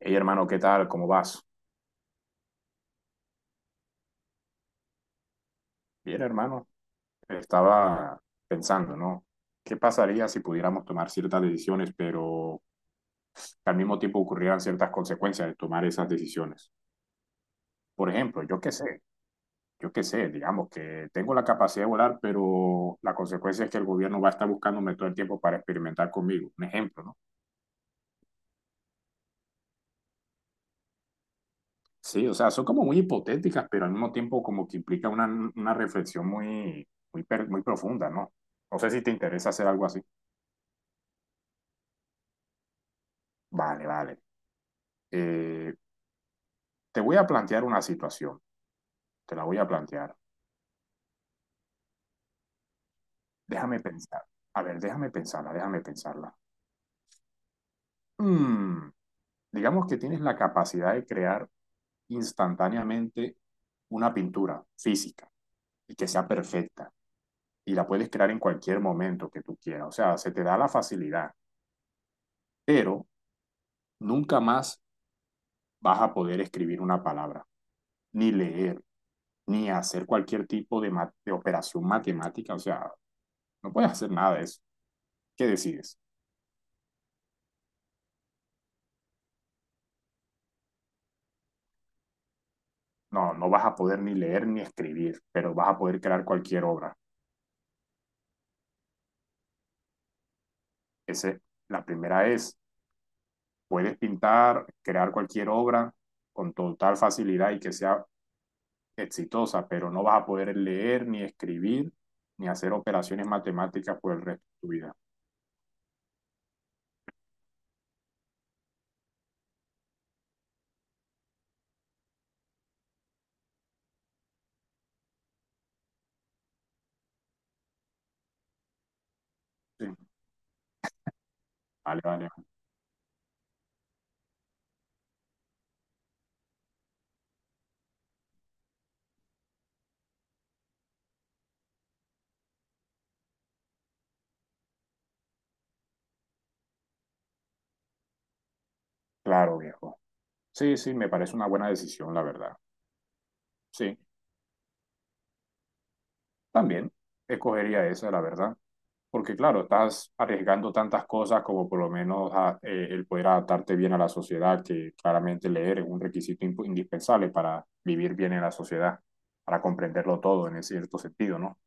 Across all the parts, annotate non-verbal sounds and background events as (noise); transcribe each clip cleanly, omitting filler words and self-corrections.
Hey hermano, ¿qué tal? ¿Cómo vas? Bien, hermano. Estaba pensando, ¿no? ¿Qué pasaría si pudiéramos tomar ciertas decisiones, pero que al mismo tiempo ocurrieran ciertas consecuencias de tomar esas decisiones? Por ejemplo, yo qué sé, digamos que tengo la capacidad de volar, pero la consecuencia es que el gobierno va a estar buscándome todo el tiempo para experimentar conmigo. Un ejemplo, ¿no? Sí, o sea, son como muy hipotéticas, pero al mismo tiempo como que implica una reflexión muy profunda, ¿no? No sé si te interesa hacer algo así. Vale, vale. Eh, te voy a plantear una situación, te la voy a plantear. Déjame pensar. A ver, déjame pensarla, déjame pensarla. Mm, digamos que tienes la capacidad de crear instantáneamente una pintura física y que sea perfecta y la puedes crear en cualquier momento que tú quieras. O sea, se te da la facilidad, pero nunca más vas a poder escribir una palabra, ni leer, ni hacer cualquier tipo de operación matemática. O sea, no puedes hacer nada de eso. ¿Qué decides? No, no vas a poder ni leer ni escribir, pero vas a poder crear cualquier obra. Ese, la primera es, puedes pintar, crear cualquier obra con total facilidad y que sea exitosa, pero no vas a poder leer ni escribir ni hacer operaciones matemáticas por el resto de tu vida. Sí, vale, vale. Claro, viejo. Sí, sí, me parece una buena decisión, la verdad. Sí, también escogería esa, la verdad. Porque claro, estás arriesgando tantas cosas como por lo menos el poder adaptarte bien a la sociedad, que claramente leer es un requisito indispensable para vivir bien en la sociedad, para comprenderlo todo en ese cierto sentido, ¿no?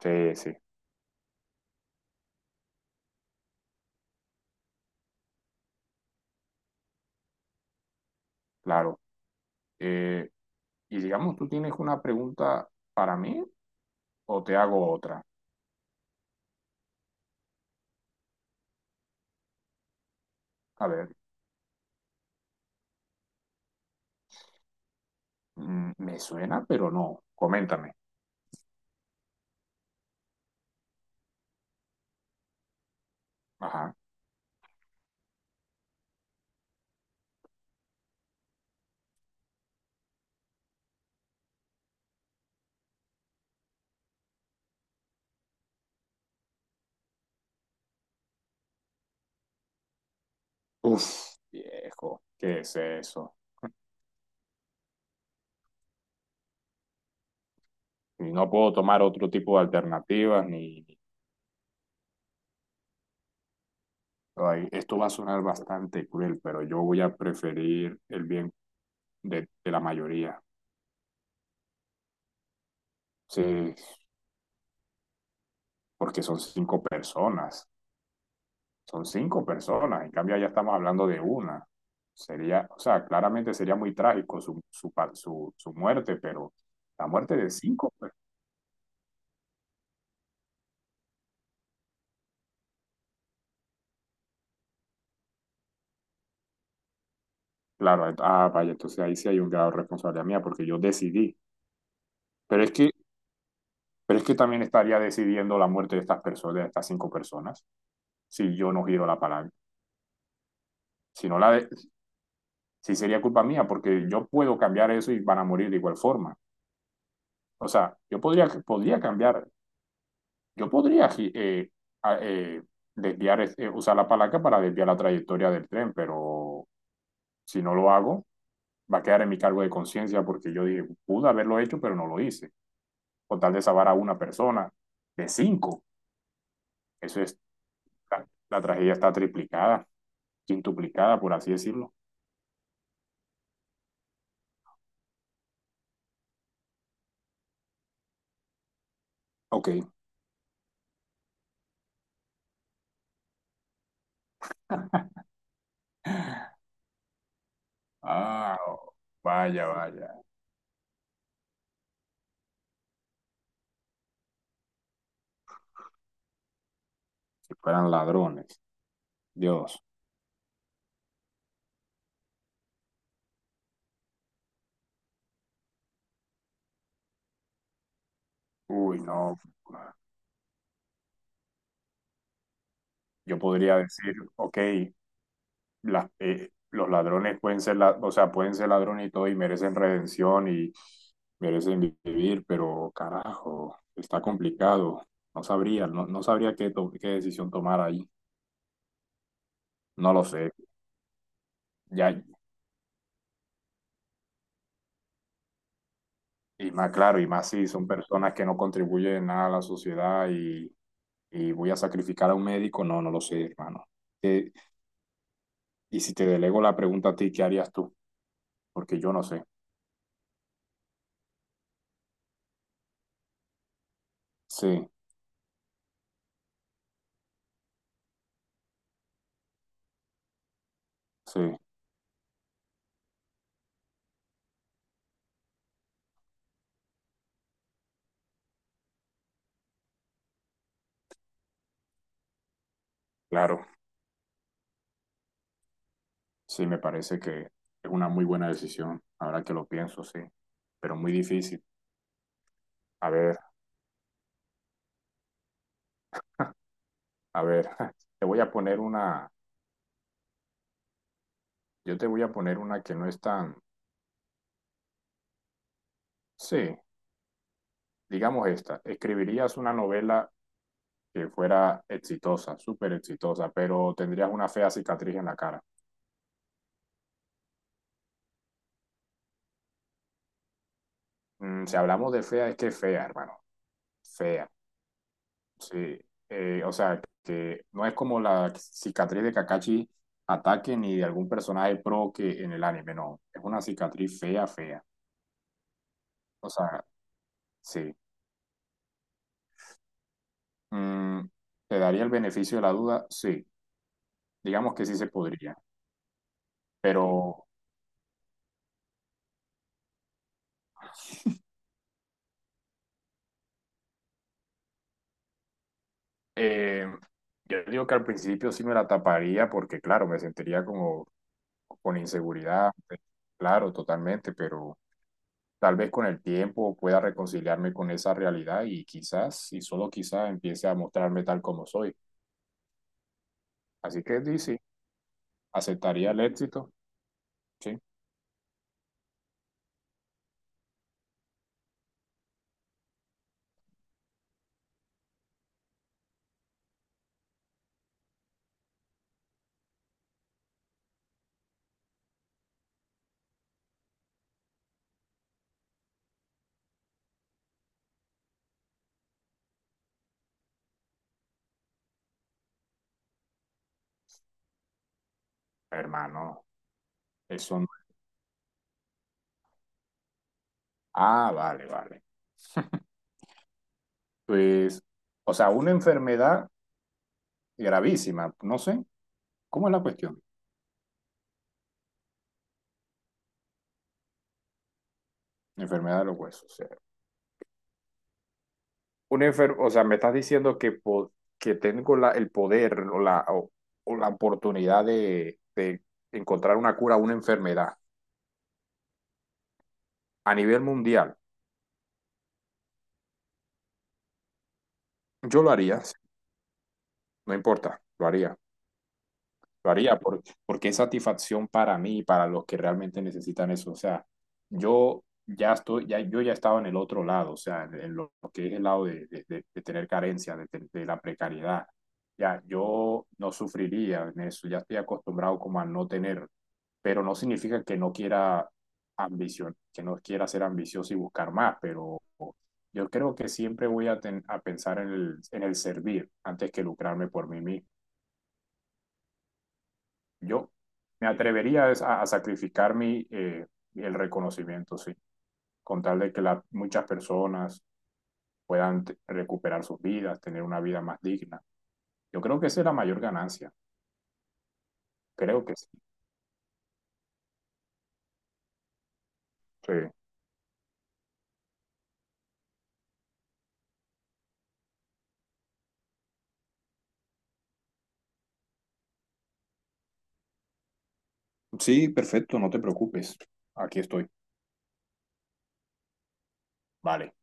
Sí, sí, claro. Eh, y digamos, ¿tú tienes una pregunta para mí o te hago otra? A ver, mm, me suena, pero no. Coméntame. Ajá. Uf, viejo, ¿qué es eso? Y no puedo tomar otro tipo de alternativas ni... Ay, esto va a sonar bastante cruel, pero yo voy a preferir el bien de la mayoría. Sí, porque son cinco personas. Son cinco personas. En cambio, ya estamos hablando de una. Sería, o sea, claramente sería muy trágico su muerte, pero la muerte de cinco, pues, claro, ah, vaya, entonces ahí sí hay un grado de responsabilidad mía porque yo decidí. Pero es que, pero es que también estaría decidiendo la muerte de estas personas, de estas cinco personas, si yo no giro la palanca. Si no la, de- Sí sería culpa mía, porque yo puedo cambiar eso y van a morir de igual forma. O sea, yo podría cambiar, yo podría a- eh, desviar, usar la palanca para desviar la trayectoria del tren, pero si no lo hago, va a quedar en mi cargo de conciencia porque yo dije, pude haberlo hecho, pero no lo hice. Con tal de salvar a una persona, de cinco, eso es, la tragedia está triplicada, quintuplicada, por así decirlo. Ok. Ah, oh, vaya, vaya. Si fueran ladrones. Dios. Uy, no. Yo podría decir, ok, los ladrones pueden ser, o sea, pueden ser ladrones y todo y merecen redención y merecen vivir, pero carajo, está complicado. No sabría, no, no sabría qué decisión tomar ahí. No lo sé. Ya, y más claro, y más si son personas que no contribuyen en nada a la sociedad y voy a sacrificar a un médico, no, no lo sé, hermano. Eh, y si te delego la pregunta a ti, ¿qué harías tú? Porque yo no sé. Sí, sí. Claro, sí, me parece que es una muy buena decisión, ahora que lo pienso, sí, pero muy difícil. A ver, a ver, (laughs) te voy a poner una, yo te voy a poner una que no es tan, sí, digamos esta, escribirías una novela que fuera exitosa, súper exitosa, pero tendrías una fea cicatriz en la cara. Mm, si hablamos de fea, es que es fea, hermano, fea. Sí, o sea, que no es como la cicatriz de Kakashi ataque ni de algún personaje pro que en el anime, no. Es una cicatriz fea, fea. O sea, sí. Mm, ¿te daría el beneficio de la duda? Sí. Digamos que sí se podría. Pero eh, yo digo que al principio sí me la taparía porque, claro, me sentiría como con inseguridad. Claro, totalmente, pero tal vez con el tiempo pueda reconciliarme con esa realidad y quizás, y solo quizás, empiece a mostrarme tal como soy. Así que Dizzy, ¿aceptaría el éxito? Sí, hermano, eso no. Ah, vale, vale. Pues, o sea, una enfermedad gravísima, no sé, ¿cómo es la cuestión? Enfermedad de los huesos. O sea, una o sea, me estás diciendo que, que tengo el poder o o la oportunidad de encontrar una cura a una enfermedad a nivel mundial. Yo lo haría. No importa, lo haría. Lo haría porque es satisfacción para mí y para los que realmente necesitan eso. O sea, yo ya estoy, ya, yo ya estaba en el otro lado, o sea, en lo que es el lado de tener carencia, de la precariedad. Ya, yo no sufriría en eso, ya estoy acostumbrado como a no tener, pero no significa que no quiera ambición, que no quiera ser ambicioso y buscar más, pero yo creo que siempre voy a pensar en el servir antes que lucrarme por mí mismo. Yo me atrevería a sacrificar mi, el reconocimiento, sí, con tal de que muchas personas puedan recuperar sus vidas, tener una vida más digna. Yo creo que esa es la mayor ganancia. Creo que sí. Sí, sí, perfecto, no te preocupes. Aquí estoy. Vale.